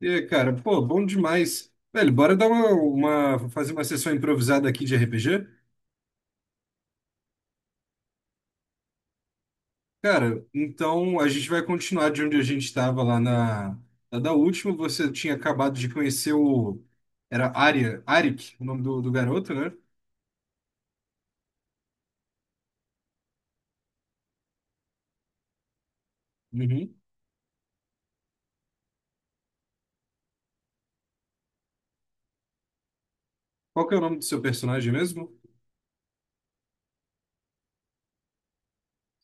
E, cara, pô, bom demais. Velho, bora dar fazer uma sessão improvisada aqui de RPG? Cara, então a gente vai continuar de onde a gente estava lá na da última. Você tinha acabado de conhecer o. Era Arya, Arik, o nome do garoto, né? Uhum. Qual que é o nome do seu personagem mesmo?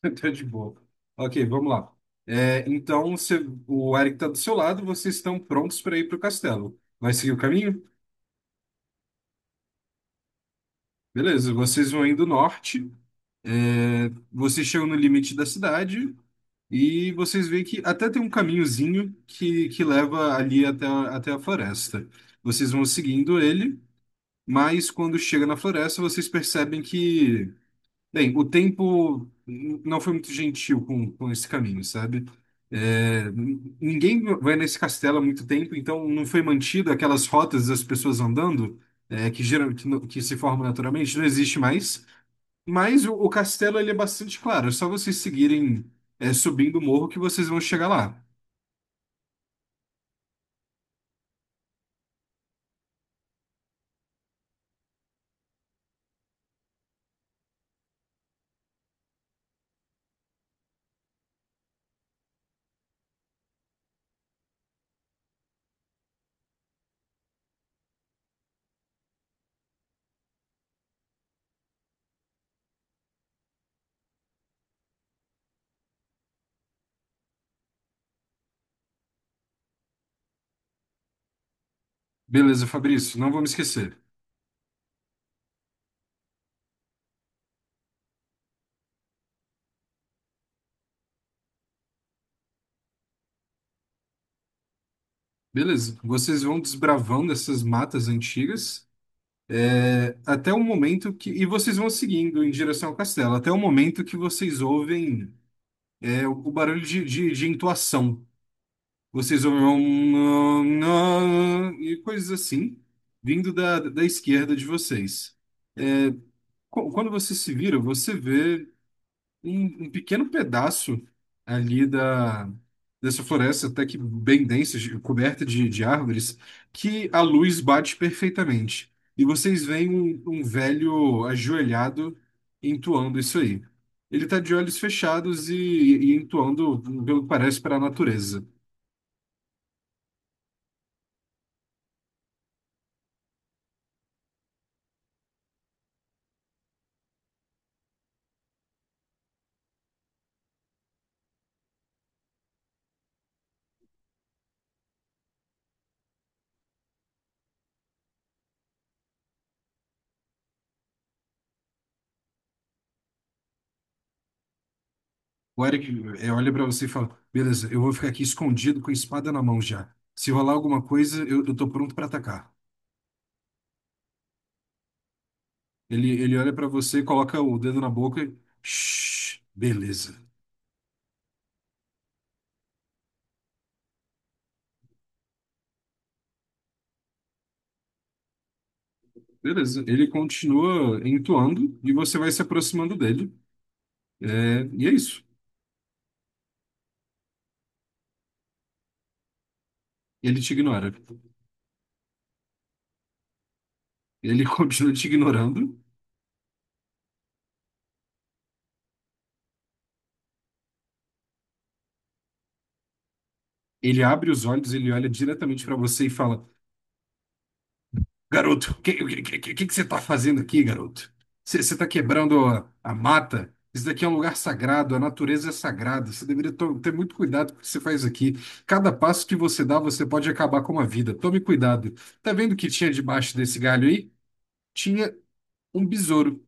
Tá de boa. Ok, vamos lá. É, então, você- o Arik tá do seu lado, vocês estão prontos para ir pro castelo. Vai seguir o caminho? Beleza, vocês vão indo norte, é, vocês chegam no limite da cidade e vocês veem que até tem um caminhozinho que leva ali até, a- até a floresta. Vocês vão seguindo ele, mas quando chega na floresta, vocês percebem que bem, o tempo não foi muito gentil com esse caminho, sabe? É, n- ninguém vai nesse castelo há muito tempo, então não foi mantido aquelas rotas das pessoas andando, é, que, geram, que, no- que se formam naturalmente, não existe mais. Mas o castelo ele é bastante claro, é só vocês seguirem, é, subindo o morro que vocês vão chegar lá. Beleza, Fabrício, não vou me esquecer. Beleza, vocês vão desbravando essas matas antigas. Até o momento que. E vocês vão seguindo em direção ao castelo, até o momento que vocês ouvem é, o barulho de entoação. Vocês ouvem um, e coisas assim, vindo da esquerda de vocês. Quando você se vira, você vê. Um pequeno pedaço ali dessa floresta, até que bem densa, de- coberta de árvores, que a luz bate perfeitamente. E vocês veem um, um velho ajoelhado entoando isso aí. Ele está de olhos fechados e entoando, pelo que parece, para a natureza. O Eric olha para você e fala: Beleza, eu vou ficar aqui escondido com a espada na mão já. Se rolar alguma coisa, eu tô pronto para atacar. Ele olha pra você, coloca o dedo na boca. E, shh, beleza. Beleza. Ele continua entoando e você vai se aproximando dele. É, e é isso. Ele te ignora. Ele continua te ignorando. Ele abre os olhos, ele olha diretamente pra você e fala: Garoto, o que você está fazendo aqui, garoto? Você está quebrando a mata? Isso daqui é um lugar sagrado, a natureza é sagrada. Você deveria ter muito cuidado com o que você faz aqui. Cada passo que você dá, você pode acabar com uma vida. Tome cuidado. Tá vendo o que tinha debaixo desse galho aí? Tinha um besouro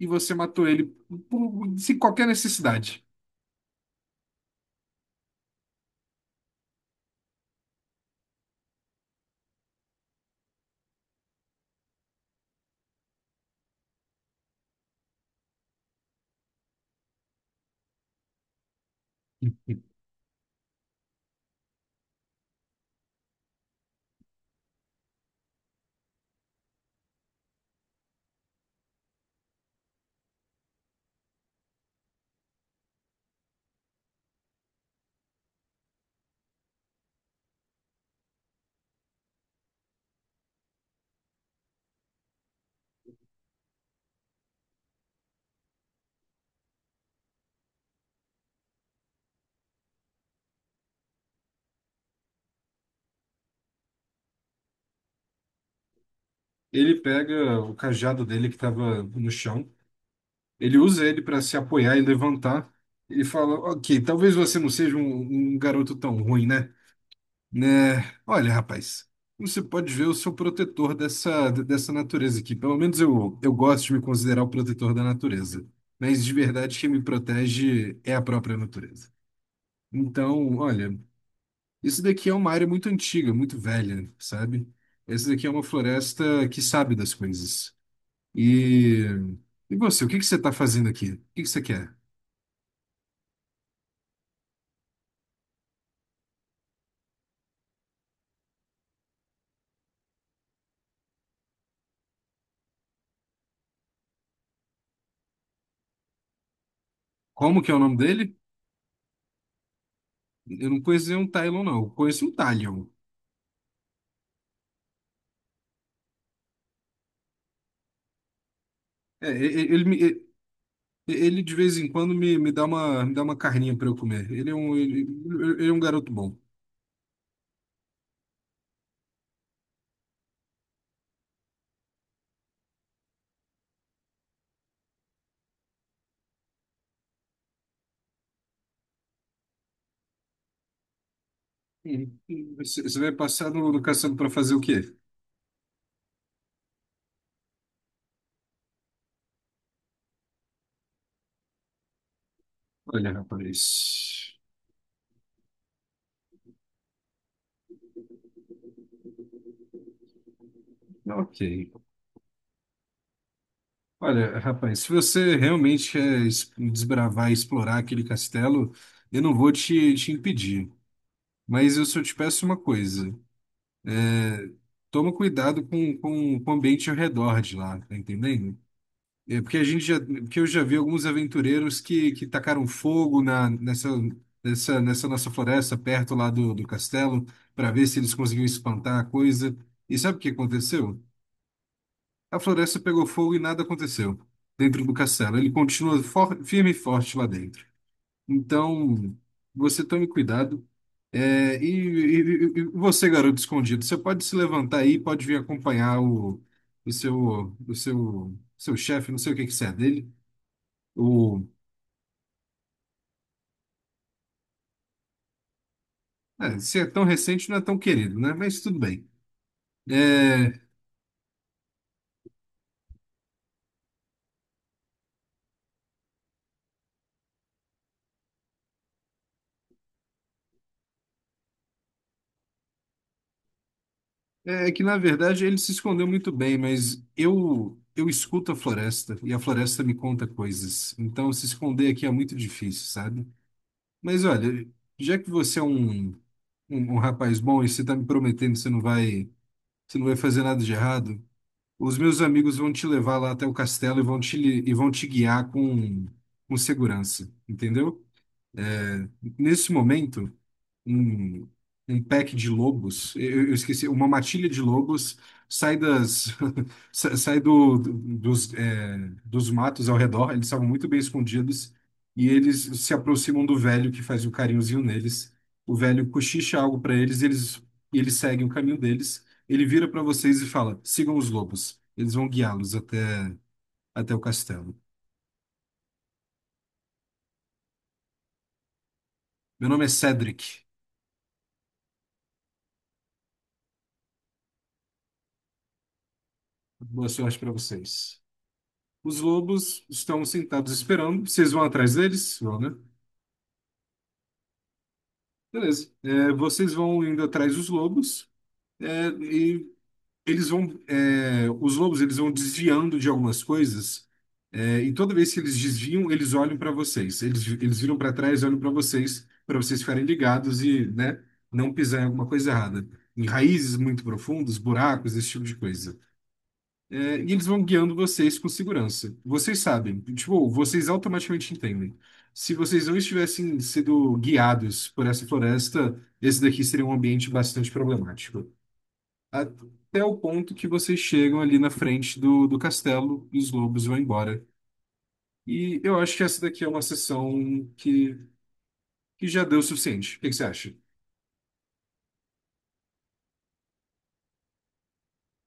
e você matou ele sem qualquer necessidade. Ele pega o cajado dele que estava no chão. Ele usa ele para se apoiar e levantar. Ele fala: Ok, talvez você não seja um garoto tão ruim, né? Né? Olha, rapaz, você pode ver, eu sou protetor dessa natureza aqui. Pelo menos eu gosto de me considerar o protetor da natureza. Mas de verdade, quem me protege é a própria natureza. Então, olha, isso daqui é uma área muito antiga, muito velha, sabe? Essa daqui é uma floresta que sabe das coisas. E, e você, o que que você está fazendo aqui? O que que você quer? Como que é o nome dele? Eu não conhecia um Tylon, não. Eu conheço um Talion. É, ele, de vez em quando me dá me dá uma carninha para eu comer. Ele é um garoto bom. Hum. Você vai passar no caçando para fazer o quê? Olha, rapaz. Ok. Olha, rapaz, se você realmente quer desbravar e explorar aquele castelo, eu não vou te impedir. Mas eu só te peço uma coisa. Toma cuidado com o ambiente ao redor de lá, tá entendendo? É porque a gente já, porque eu já vi alguns aventureiros que tacaram fogo nessa nossa floresta perto lá do castelo para ver se eles conseguiam espantar a coisa. E sabe o que aconteceu? A floresta pegou fogo e nada aconteceu dentro do castelo. Ele continua firme e forte lá dentro. Então, você tome cuidado. É, e você, garoto escondido, você pode se levantar aí, pode vir acompanhar o, seu chefe, não sei o que que você é dele. É, se é tão recente, não é tão querido, né? Mas tudo bem. É, é é que, na verdade, ele se escondeu muito bem, mas eu escuto a floresta e a floresta me conta coisas. Então, se esconder aqui é muito difícil, sabe? Mas olha, já que você é um rapaz bom e você está me prometendo que você não vai fazer nada de errado, os meus amigos vão te levar lá até o castelo e vão te guiar com segurança, entendeu? Nesse momento. um, Um pack de lobos, eu esqueci, uma matilha de lobos sai das sai dos, é, dos matos ao redor, eles estavam muito bem escondidos e eles se aproximam do velho que faz o carinhozinho neles. O velho cochicha algo para eles, e eles seguem o caminho deles. Ele vira para vocês e fala: "Sigam os lobos. Eles vão guiá-los até o castelo." Meu nome é Cedric. Boa sorte para vocês. Os lobos estão sentados esperando. Vocês vão atrás deles? Vão, né? Beleza. É, vocês vão indo atrás dos lobos é, e eles vão. É, os lobos eles vão desviando de algumas coisas é, e toda vez que eles desviam, eles olham para vocês. Eles viram para trás, olham para vocês ficarem ligados e, né, não pisar em alguma coisa errada. Em raízes muito profundas, buracos, esse tipo de coisa. É, e eles vão guiando vocês com segurança. Vocês sabem, tipo, vocês automaticamente entendem. Se vocês não estivessem sendo guiados por essa floresta, esse daqui seria um ambiente bastante problemático. Até o ponto que vocês chegam ali na frente do castelo e os lobos vão embora. E eu acho que essa daqui é uma sessão que já deu o suficiente. O que que você acha?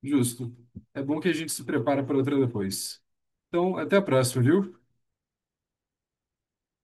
Justo. É bom que a gente se prepara para outra depois. Então, até a próxima, viu?